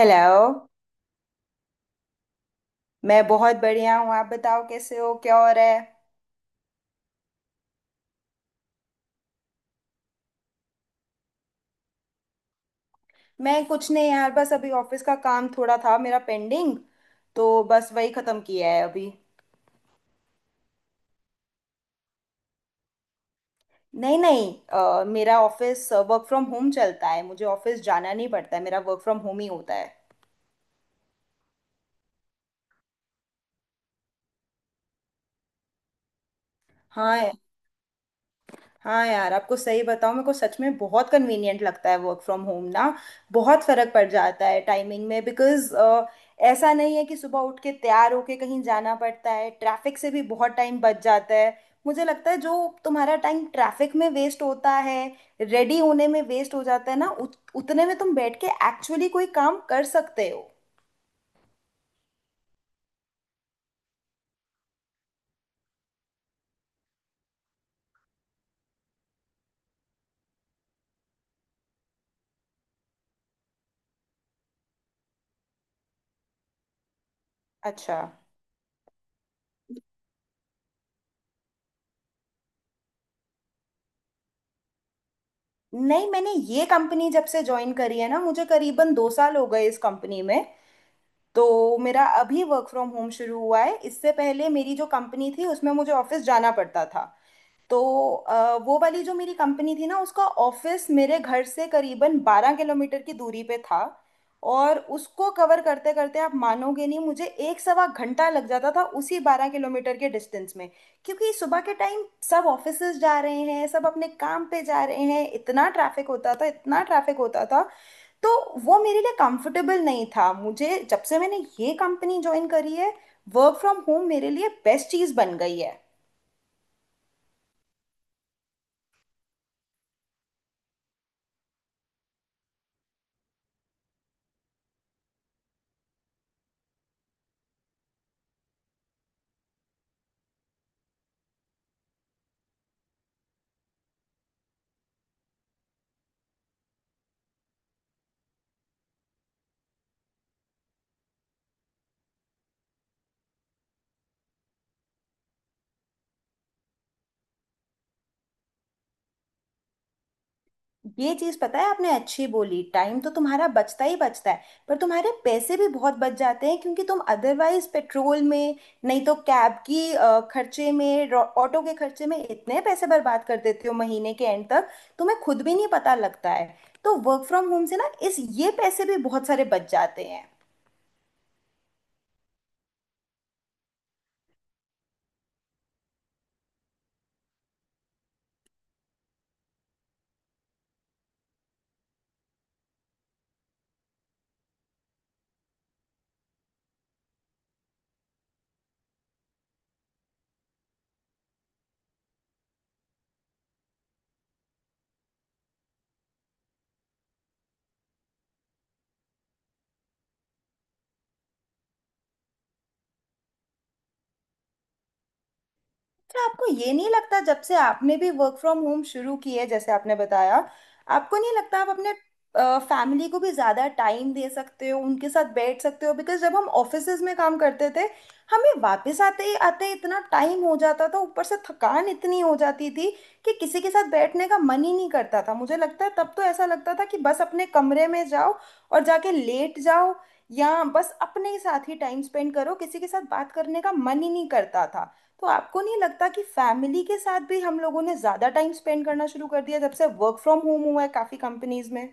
Hello. मैं बहुत बढ़िया हूँ। आप बताओ कैसे हो, क्या हो रहा है। मैं कुछ नहीं यार, बस अभी ऑफिस का काम थोड़ा था मेरा पेंडिंग, तो बस वही खत्म किया है अभी। नहीं नहीं, मेरा ऑफिस वर्क फ्रॉम होम चलता है, मुझे ऑफिस जाना नहीं पड़ता है, मेरा वर्क फ्रॉम होम ही होता है। हाँ। हाँ यार आपको सही बताऊँ, मेरे को सच में बहुत कन्वीनियंट लगता है वर्क फ्रॉम होम ना। बहुत फर्क पड़ जाता है टाइमिंग में बिकॉज ऐसा नहीं है कि सुबह उठ के तैयार होके कहीं जाना पड़ता है। ट्रैफिक से भी बहुत टाइम बच जाता है। मुझे लगता है जो तुम्हारा टाइम ट्रैफिक में वेस्ट होता है, रेडी होने में वेस्ट हो जाता है ना, उतने में तुम बैठ के एक्चुअली कोई काम कर सकते हो। अच्छा। नहीं, मैंने ये कंपनी जब से ज्वाइन करी है ना, मुझे करीबन 2 साल हो गए इस कंपनी में। तो मेरा अभी वर्क फ्रॉम होम शुरू हुआ है, इससे पहले मेरी जो कंपनी थी उसमें मुझे ऑफिस जाना पड़ता था। तो वो वाली जो मेरी कंपनी थी ना, उसका ऑफिस मेरे घर से करीबन 12 किलोमीटर की दूरी पे था। और उसको कवर करते करते आप मानोगे नहीं, मुझे एक सवा घंटा लग जाता था उसी 12 किलोमीटर के डिस्टेंस में। क्योंकि सुबह के टाइम सब ऑफिसेज जा रहे हैं, सब अपने काम पे जा रहे हैं, इतना ट्रैफिक होता था, इतना ट्रैफिक होता था। तो वो मेरे लिए कंफर्टेबल नहीं था। मुझे जब से मैंने ये कंपनी ज्वाइन करी है, वर्क फ्रॉम होम मेरे लिए बेस्ट चीज़ बन गई है। ये चीज़ पता है आपने अच्छी बोली, टाइम तो तुम्हारा बचता ही बचता है, पर तुम्हारे पैसे भी बहुत बच जाते हैं क्योंकि तुम अदरवाइज पेट्रोल में, नहीं तो कैब की खर्चे में ऑटो के खर्चे में इतने पैसे बर्बाद कर देते हो महीने के एंड तक, तुम्हें खुद भी नहीं पता लगता है। तो वर्क फ्रॉम होम से ना इस ये पैसे भी बहुत सारे बच जाते हैं। क्या आपको ये नहीं लगता जब से आपने भी वर्क फ्रॉम होम शुरू की है, जैसे आपने बताया, आपको नहीं लगता आप अपने फैमिली को भी ज़्यादा टाइम दे सकते हो, उनके साथ बैठ सकते हो, बिकॉज जब हम ऑफिसेज में काम करते थे, हमें वापस आते ही इतना टाइम हो जाता था, ऊपर से थकान इतनी हो जाती थी कि किसी के साथ बैठने का मन ही नहीं करता था। मुझे लगता है तब तो ऐसा लगता था कि बस अपने कमरे में जाओ और जाके लेट जाओ, या बस अपने साथ ही टाइम स्पेंड करो, किसी के साथ बात करने का मन ही नहीं करता था। तो आपको नहीं लगता कि फैमिली के साथ भी हम लोगों ने ज़्यादा टाइम स्पेंड करना शुरू कर दिया जब से वर्क फ्रॉम होम हुआ है काफ़ी कंपनीज में।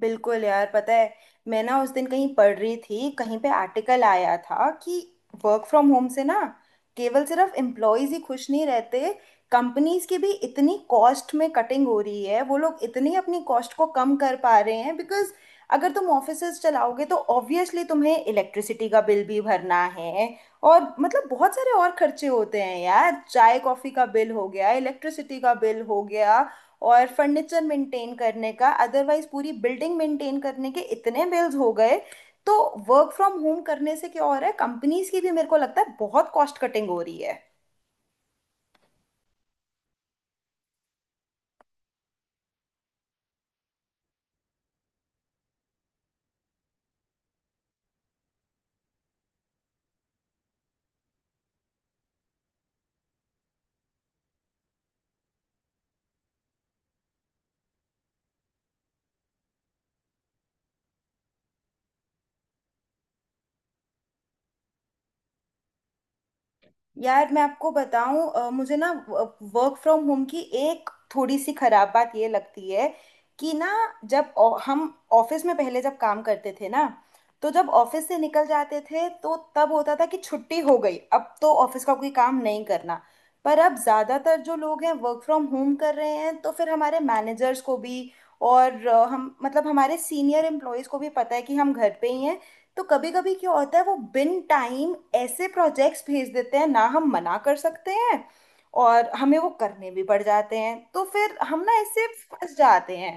बिल्कुल यार, पता है मैं ना उस दिन कहीं पढ़ रही थी, कहीं पे आर्टिकल आया था कि वर्क फ्रॉम होम से ना केवल सिर्फ एम्प्लॉयज ही खुश नहीं रहते, कंपनीज की भी इतनी कॉस्ट में कटिंग हो रही है, वो लोग इतनी अपनी कॉस्ट को कम कर पा रहे हैं बिकॉज अगर तुम ऑफिसेज चलाओगे तो ऑब्वियसली तुम्हें इलेक्ट्रिसिटी का बिल भी भरना है। और मतलब बहुत सारे और खर्चे होते हैं यार, चाय कॉफी का बिल हो गया, इलेक्ट्रिसिटी का बिल हो गया, और फर्नीचर मेंटेन करने का, अदरवाइज पूरी बिल्डिंग मेंटेन करने के इतने बिल्स हो गए। तो वर्क फ्रॉम होम करने से क्या हो रहा है, कंपनीज की भी मेरे को लगता है बहुत कॉस्ट कटिंग हो रही है। यार मैं आपको बताऊं, मुझे ना वर्क फ्रॉम होम की एक थोड़ी सी खराब बात ये लगती है कि ना जब हम ऑफिस में पहले जब काम करते थे ना, तो जब ऑफिस से निकल जाते थे तो तब होता था कि छुट्टी हो गई, अब तो ऑफिस का कोई काम नहीं करना। पर अब ज्यादातर जो लोग हैं वर्क फ्रॉम होम कर रहे हैं तो फिर हमारे मैनेजर्स को भी और हम मतलब हमारे सीनियर एम्प्लॉयज को भी पता है कि हम घर पे ही हैं। तो कभी कभी क्या होता है, वो बिन टाइम ऐसे प्रोजेक्ट्स भेज देते हैं, ना हम मना कर सकते हैं और हमें वो करने भी पड़ जाते हैं, तो फिर हम ना ऐसे फंस जाते हैं।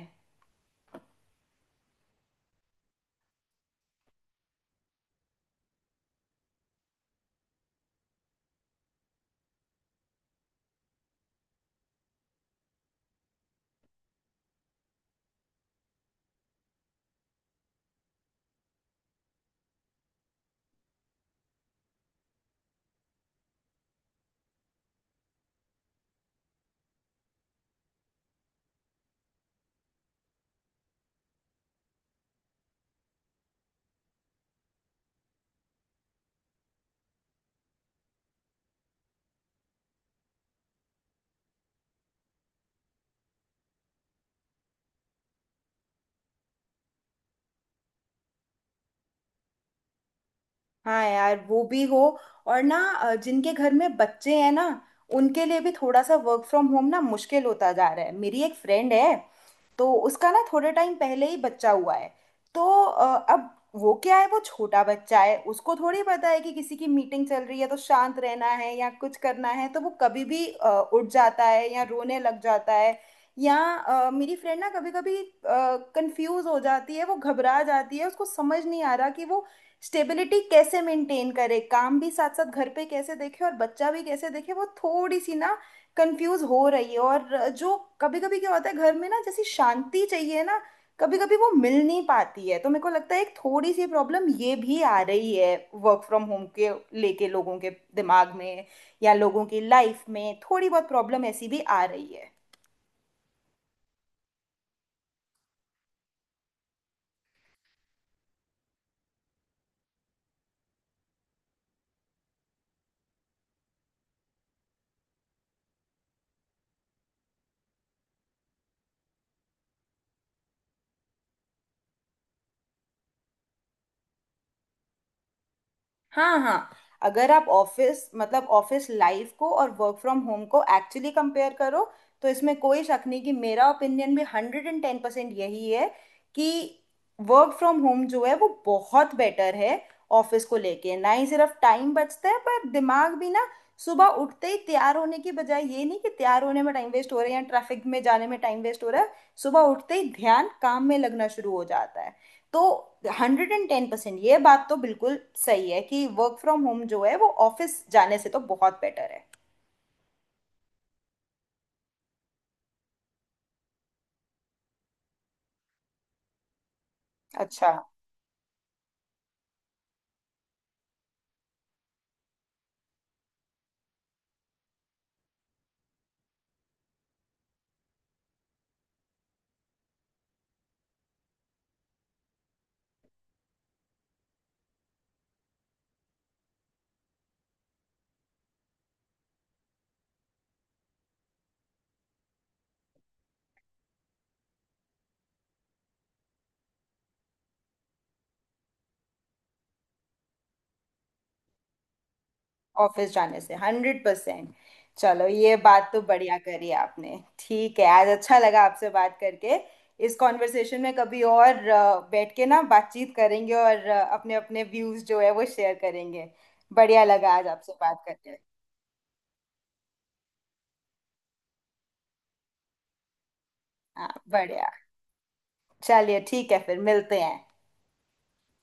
हाँ यार, वो भी हो। और ना जिनके घर में बच्चे हैं ना उनके लिए भी थोड़ा सा वर्क फ्रॉम होम ना मुश्किल होता जा रहा है। मेरी एक फ्रेंड है, तो उसका ना थोड़े टाइम पहले ही बच्चा हुआ है। तो अब वो क्या है, वो छोटा बच्चा है, उसको थोड़ी पता है कि किसी की मीटिंग चल रही है तो शांत रहना है या कुछ करना है, तो वो कभी भी उठ जाता है या रोने लग जाता है। या मेरी फ्रेंड ना कभी कभी कंफ्यूज हो जाती है, वो घबरा जाती है, उसको समझ नहीं आ रहा कि वो स्टेबिलिटी कैसे मेंटेन करे, काम भी साथ साथ घर पे कैसे देखे और बच्चा भी कैसे देखे। वो थोड़ी सी ना कंफ्यूज हो रही है। और जो कभी कभी क्या होता है, घर में ना जैसी शांति चाहिए ना, कभी कभी वो मिल नहीं पाती है। तो मेरे को लगता है एक थोड़ी सी प्रॉब्लम ये भी आ रही है वर्क फ्रॉम होम के लेके, लोगों के दिमाग में या लोगों की लाइफ में थोड़ी बहुत प्रॉब्लम ऐसी भी आ रही है। हाँ हाँ। अगर आप ऑफिस मतलब ऑफिस लाइफ को और वर्क फ्रॉम होम को एक्चुअली कंपेयर करो, तो इसमें कोई शक नहीं कि मेरा ओपिनियन भी 110% यही है कि वर्क फ्रॉम होम जो है वो बहुत बेटर है। ऑफिस को लेके ना ही सिर्फ टाइम बचता है पर दिमाग भी ना। सुबह उठते ही तैयार होने की बजाय, ये नहीं कि तैयार होने में टाइम वेस्ट हो रहा है या ट्रैफिक में जाने में टाइम वेस्ट हो रहा है, सुबह उठते ही ध्यान काम में लगना शुरू हो जाता है। तो 110% ये बात तो बिल्कुल सही है कि वर्क फ्रॉम होम जो है वो ऑफिस जाने से तो बहुत बेटर है। अच्छा। ऑफिस जाने से 100%। चलो ये बात तो बढ़िया करी आपने, ठीक है, आज अच्छा लगा आपसे बात करके। इस कॉन्वर्सेशन में कभी और बैठ के ना बातचीत करेंगे और अपने अपने व्यूज जो है वो शेयर करेंगे। बढ़िया लगा आज आपसे बात करके। हाँ बढ़िया। चलिए ठीक है फिर मिलते हैं।